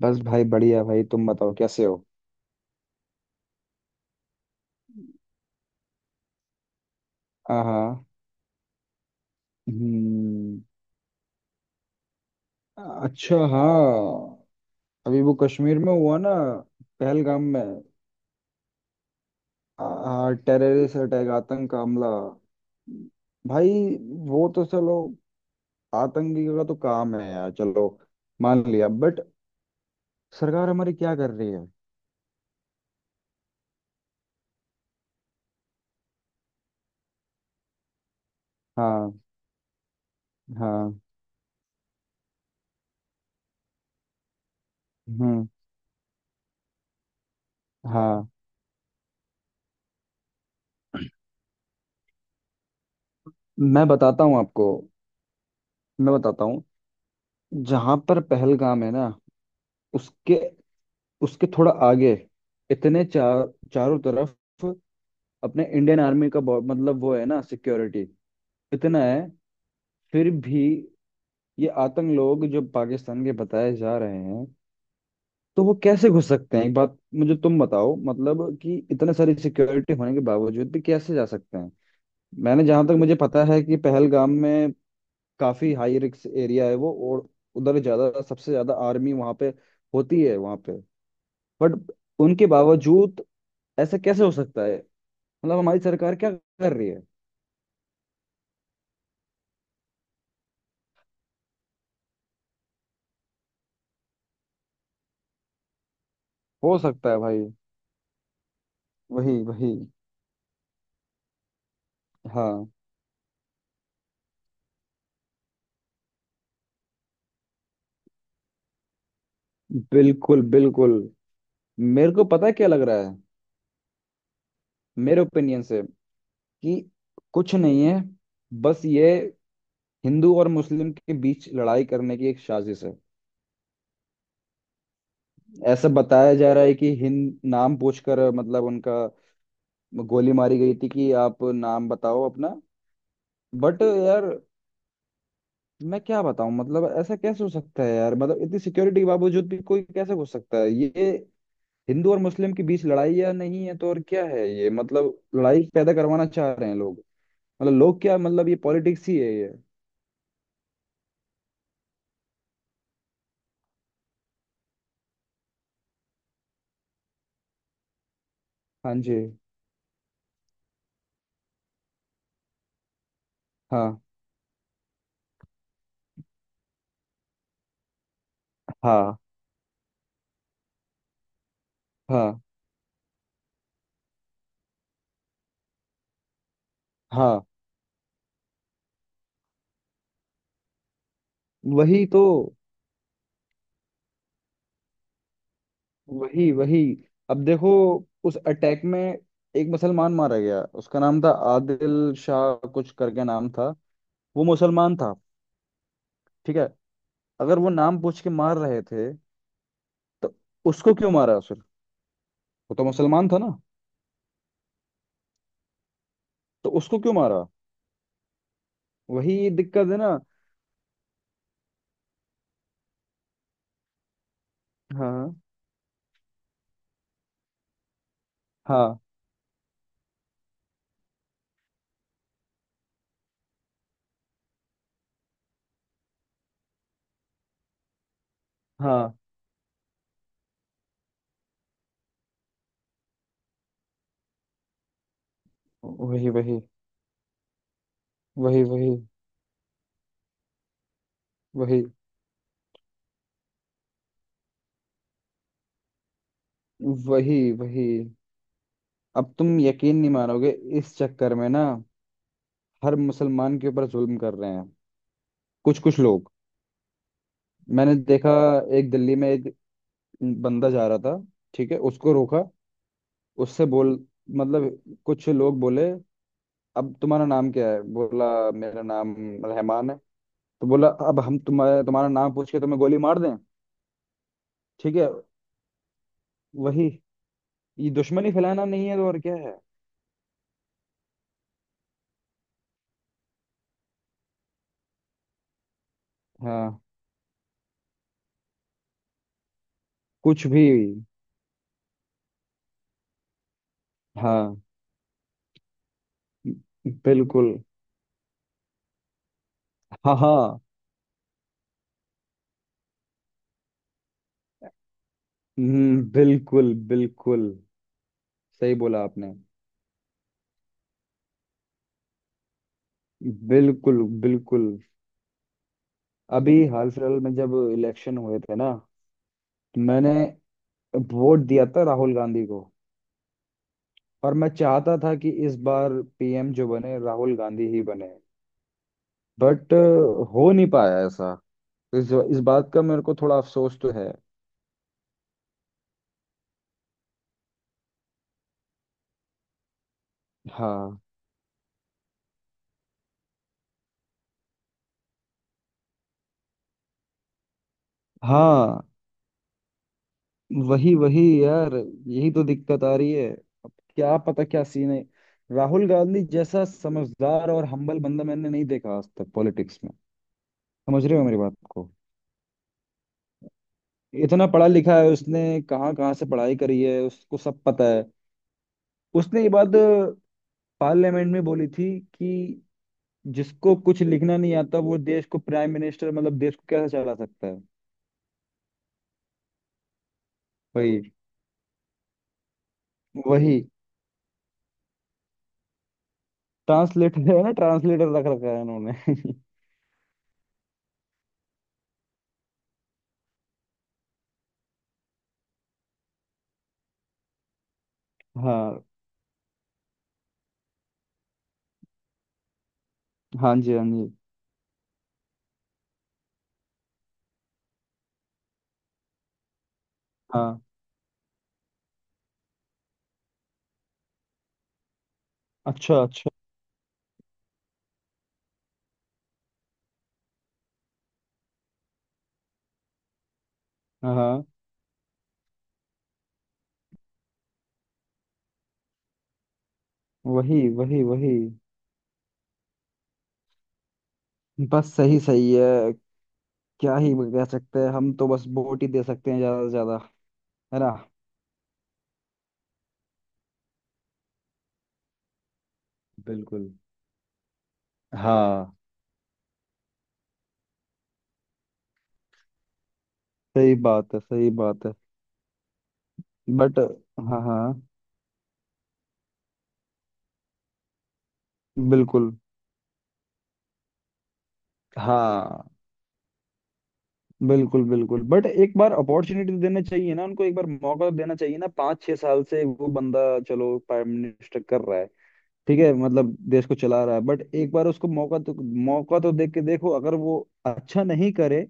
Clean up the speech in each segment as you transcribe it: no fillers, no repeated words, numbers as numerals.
बस भाई, बढ़िया। भाई तुम बताओ, कैसे हो? हाँ हाँ। हम्म। अच्छा, हाँ। अभी वो कश्मीर में हुआ ना, पहलगाम में। टेररिस्ट अटैक, आतंक का हमला भाई। वो तो चलो, आतंकी का तो काम है यार, चलो मान लिया, बट सरकार हमारी क्या कर रही है? हाँ। हाँ। हम्म। हाँ। मैं बताता हूँ आपको। मैं बताता हूँ। जहां पर पहलगाम है ना, उसके उसके थोड़ा आगे। इतने चारों तरफ अपने इंडियन आर्मी का मतलब वो है ना, सिक्योरिटी इतना है। फिर भी ये आतंक लोग जो पाकिस्तान के बताए जा रहे हैं, तो वो कैसे घुस सकते हैं? एक बात मुझे तुम बताओ, मतलब कि इतने सारी सिक्योरिटी होने के बावजूद भी कैसे जा सकते हैं? मैंने जहां तक मुझे पता है कि पहलगाम में काफी हाई रिस्क एरिया है वो, और उधर ज्यादा, सबसे ज्यादा आर्मी वहां पे होती है वहां पे। बट उनके बावजूद ऐसा कैसे हो सकता है? मतलब हमारी सरकार क्या कर रही है? हो सकता है भाई। वही वही। हाँ, बिल्कुल बिल्कुल। मेरे को पता है क्या लग रहा है, मेरे ओपिनियन से, कि कुछ नहीं है, बस ये हिंदू और मुस्लिम के बीच लड़ाई करने की एक साजिश है। ऐसा बताया जा रहा है कि हिंद नाम पूछकर, मतलब उनका गोली मारी गई थी कि आप नाम बताओ अपना। बट यार, मैं क्या बताऊं, मतलब ऐसा कैसे हो सकता है यार, मतलब इतनी सिक्योरिटी के बावजूद भी कोई कैसे घुस सकता है ये? हिंदू और मुस्लिम के बीच लड़ाई या नहीं है तो और क्या है ये? मतलब लड़ाई पैदा करवाना चाह रहे हैं लोग, मतलब लोग क्या, मतलब ये पॉलिटिक्स ही है ये। हाँ जी। हाँ। हाँ। हाँ। हाँ। वही तो। वही वही। अब देखो, उस अटैक में एक मुसलमान मारा गया, उसका नाम था आदिल शाह कुछ करके नाम था, वो मुसलमान था। ठीक है, अगर वो नाम पूछ के मार रहे थे तो उसको क्यों मारा? सिर्फ, वो तो मुसलमान था ना, तो उसको क्यों मारा? वही दिक्कत है ना। हाँ हाँ हाँ। वही वही वही वही वही वही वही। अब तुम यकीन नहीं मानोगे, इस चक्कर में ना हर मुसलमान के ऊपर जुल्म कर रहे हैं कुछ कुछ लोग। मैंने देखा, एक दिल्ली में एक बंदा जा रहा था, ठीक है, उसको रोका। उससे बोल, मतलब कुछ लोग बोले, अब तुम्हारा नाम क्या है, बोला मेरा नाम रहमान है। तो बोला, अब हम तुम्हारा तुम्हारा नाम पूछ के तुम्हें गोली मार दें, ठीक है। वही, ये दुश्मनी फैलाना नहीं है तो और क्या है? हाँ, कुछ भी। हाँ बिल्कुल। हाँ हाँ। बिल्कुल बिल्कुल। सही बोला आपने। बिल्कुल बिल्कुल। अभी हाल फिलहाल में जब इलेक्शन हुए थे ना, मैंने वोट दिया था राहुल गांधी को। और मैं चाहता था कि इस बार पीएम जो बने, राहुल गांधी ही बने। बट हो नहीं पाया ऐसा। इस बात का मेरे को थोड़ा अफसोस तो है। हाँ हाँ। वही वही यार, यही तो दिक्कत आ रही है। अब क्या पता क्या सीन है। राहुल गांधी जैसा समझदार और हम्बल बंदा मैंने नहीं देखा आज तक पॉलिटिक्स में। समझ रहे हो मेरी बात को? इतना पढ़ा लिखा है, उसने कहाँ कहाँ से पढ़ाई करी है, उसको सब पता है। उसने ये बात पार्लियामेंट में बोली थी, कि जिसको कुछ लिखना नहीं आता, वो देश को प्राइम मिनिस्टर, मतलब देश को कैसे चला सकता है? वही वही। ट्रांसलेटर है ना, ट्रांसलेटर रख रखा है उन्होंने। हाँ। हाँ जी। हाँ जी। हाँ। अच्छा अच्छा। हाँ हाँ। वही वही वही। बस सही सही है, क्या ही कह सकते हैं, हम तो बस वोट ही दे सकते हैं ज्यादा से ज्यादा, है ना? बिल्कुल। हाँ। सही बात है, सही बात है। बट, हाँ हाँ, बिल्कुल। हाँ। बिल्कुल बिल्कुल, बट एक बार अपॉर्चुनिटी देना चाहिए ना उनको, एक बार मौका तो देना चाहिए ना। 5 6 साल से वो बंदा, चलो, प्राइम मिनिस्टर कर रहा है, ठीक है, मतलब देश को चला रहा है, बट एक बार उसको मौका तो दे के देखो, अगर वो अच्छा नहीं करे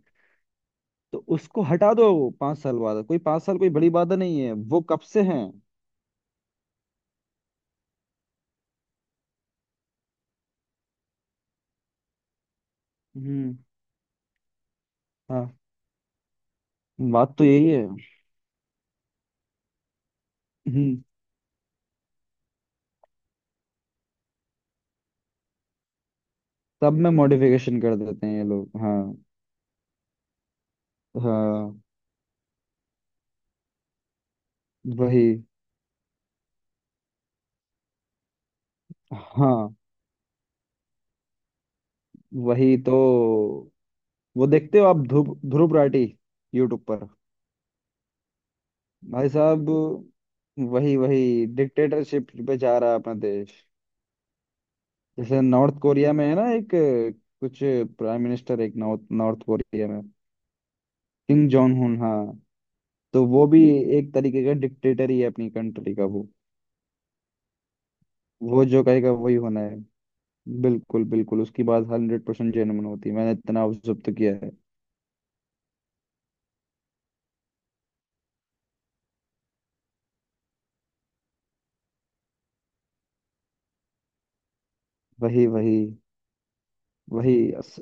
तो उसको हटा दो। 5 साल बाद, कोई 5 साल कोई बड़ी बात नहीं है, वो कब से हैं। हम्म। हाँ, बात तो यही है। हम्म, तब में मॉडिफिकेशन कर देते हैं ये लोग। हाँ। हाँ। वही। हाँ। वही तो। वो देखते हो आप, ध्रुव ध्रुव राठी, यूट्यूब पर? भाई साहब, वही वही, डिक्टेटरशिप पे जा रहा है अपना देश। जैसे नॉर्थ कोरिया में है ना एक, कुछ प्राइम मिनिस्टर, एक नॉर्थ नॉर्थ कोरिया में, किम जोंग हुन, हाँ। तो वो भी एक तरीके का डिक्टेटर ही है अपनी कंट्री का वो। वो जो कहेगा वही होना है। बिल्कुल बिल्कुल, उसकी बात 100% जेन्युइन होती है, मैंने इतना ऑब्जर्व तो किया है। वही वही वही। अस-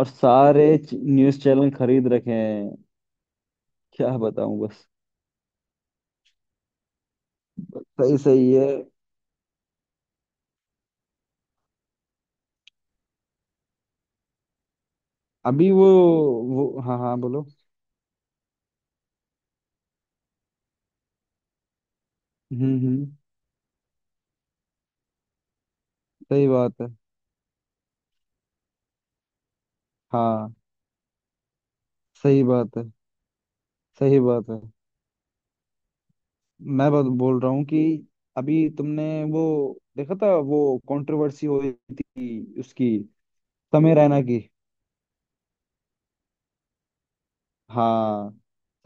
और सारे न्यूज चैनल खरीद रखे हैं, क्या बताऊं बस। सही सही है। अभी वो, हाँ हाँ, बोलो। हम्म। सही बात है। हाँ, सही बात है, सही बात है। मैं बस बोल रहा हूँ कि अभी तुमने वो देखा था, वो कंट्रोवर्सी हो रही थी उसकी, समय रैना की। हाँ,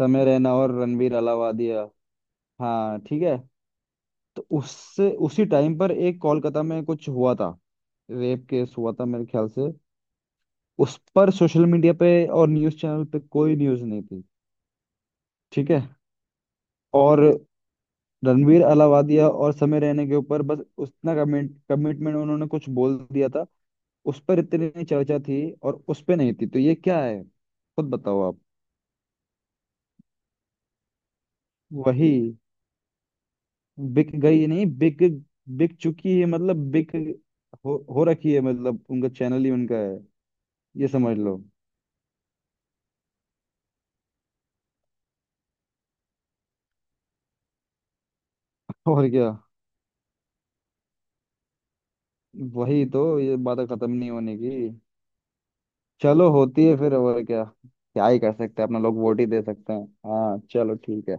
समय रैना और रणवीर अलावादिया। हाँ ठीक है। तो उससे उसी टाइम पर एक कोलकाता में कुछ हुआ था, रेप केस हुआ था मेरे ख्याल से। उस पर सोशल मीडिया पे और न्यूज़ चैनल पे कोई न्यूज़ नहीं थी, ठीक है। और रणवीर अलावादिया और समय रैना के ऊपर बस उतना कमिटमेंट, उन्होंने कुछ बोल दिया था। उस पर इतनी चर्चा थी और उस पे नहीं थी, तो ये क्या है? खुद बताओ आप। वही, बिक गई नहीं, बिक बिक चुकी है, मतलब बिक हो रखी है, मतलब उनका चैनल ही उनका है। ये समझ लो। और क्या? वही तो, ये बात खत्म नहीं होने की। चलो, होती है फिर, और क्या, क्या ही कर सकते हैं, अपना लोग वोट ही दे सकते हैं, हाँ चलो ठीक है।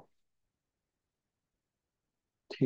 ठीक।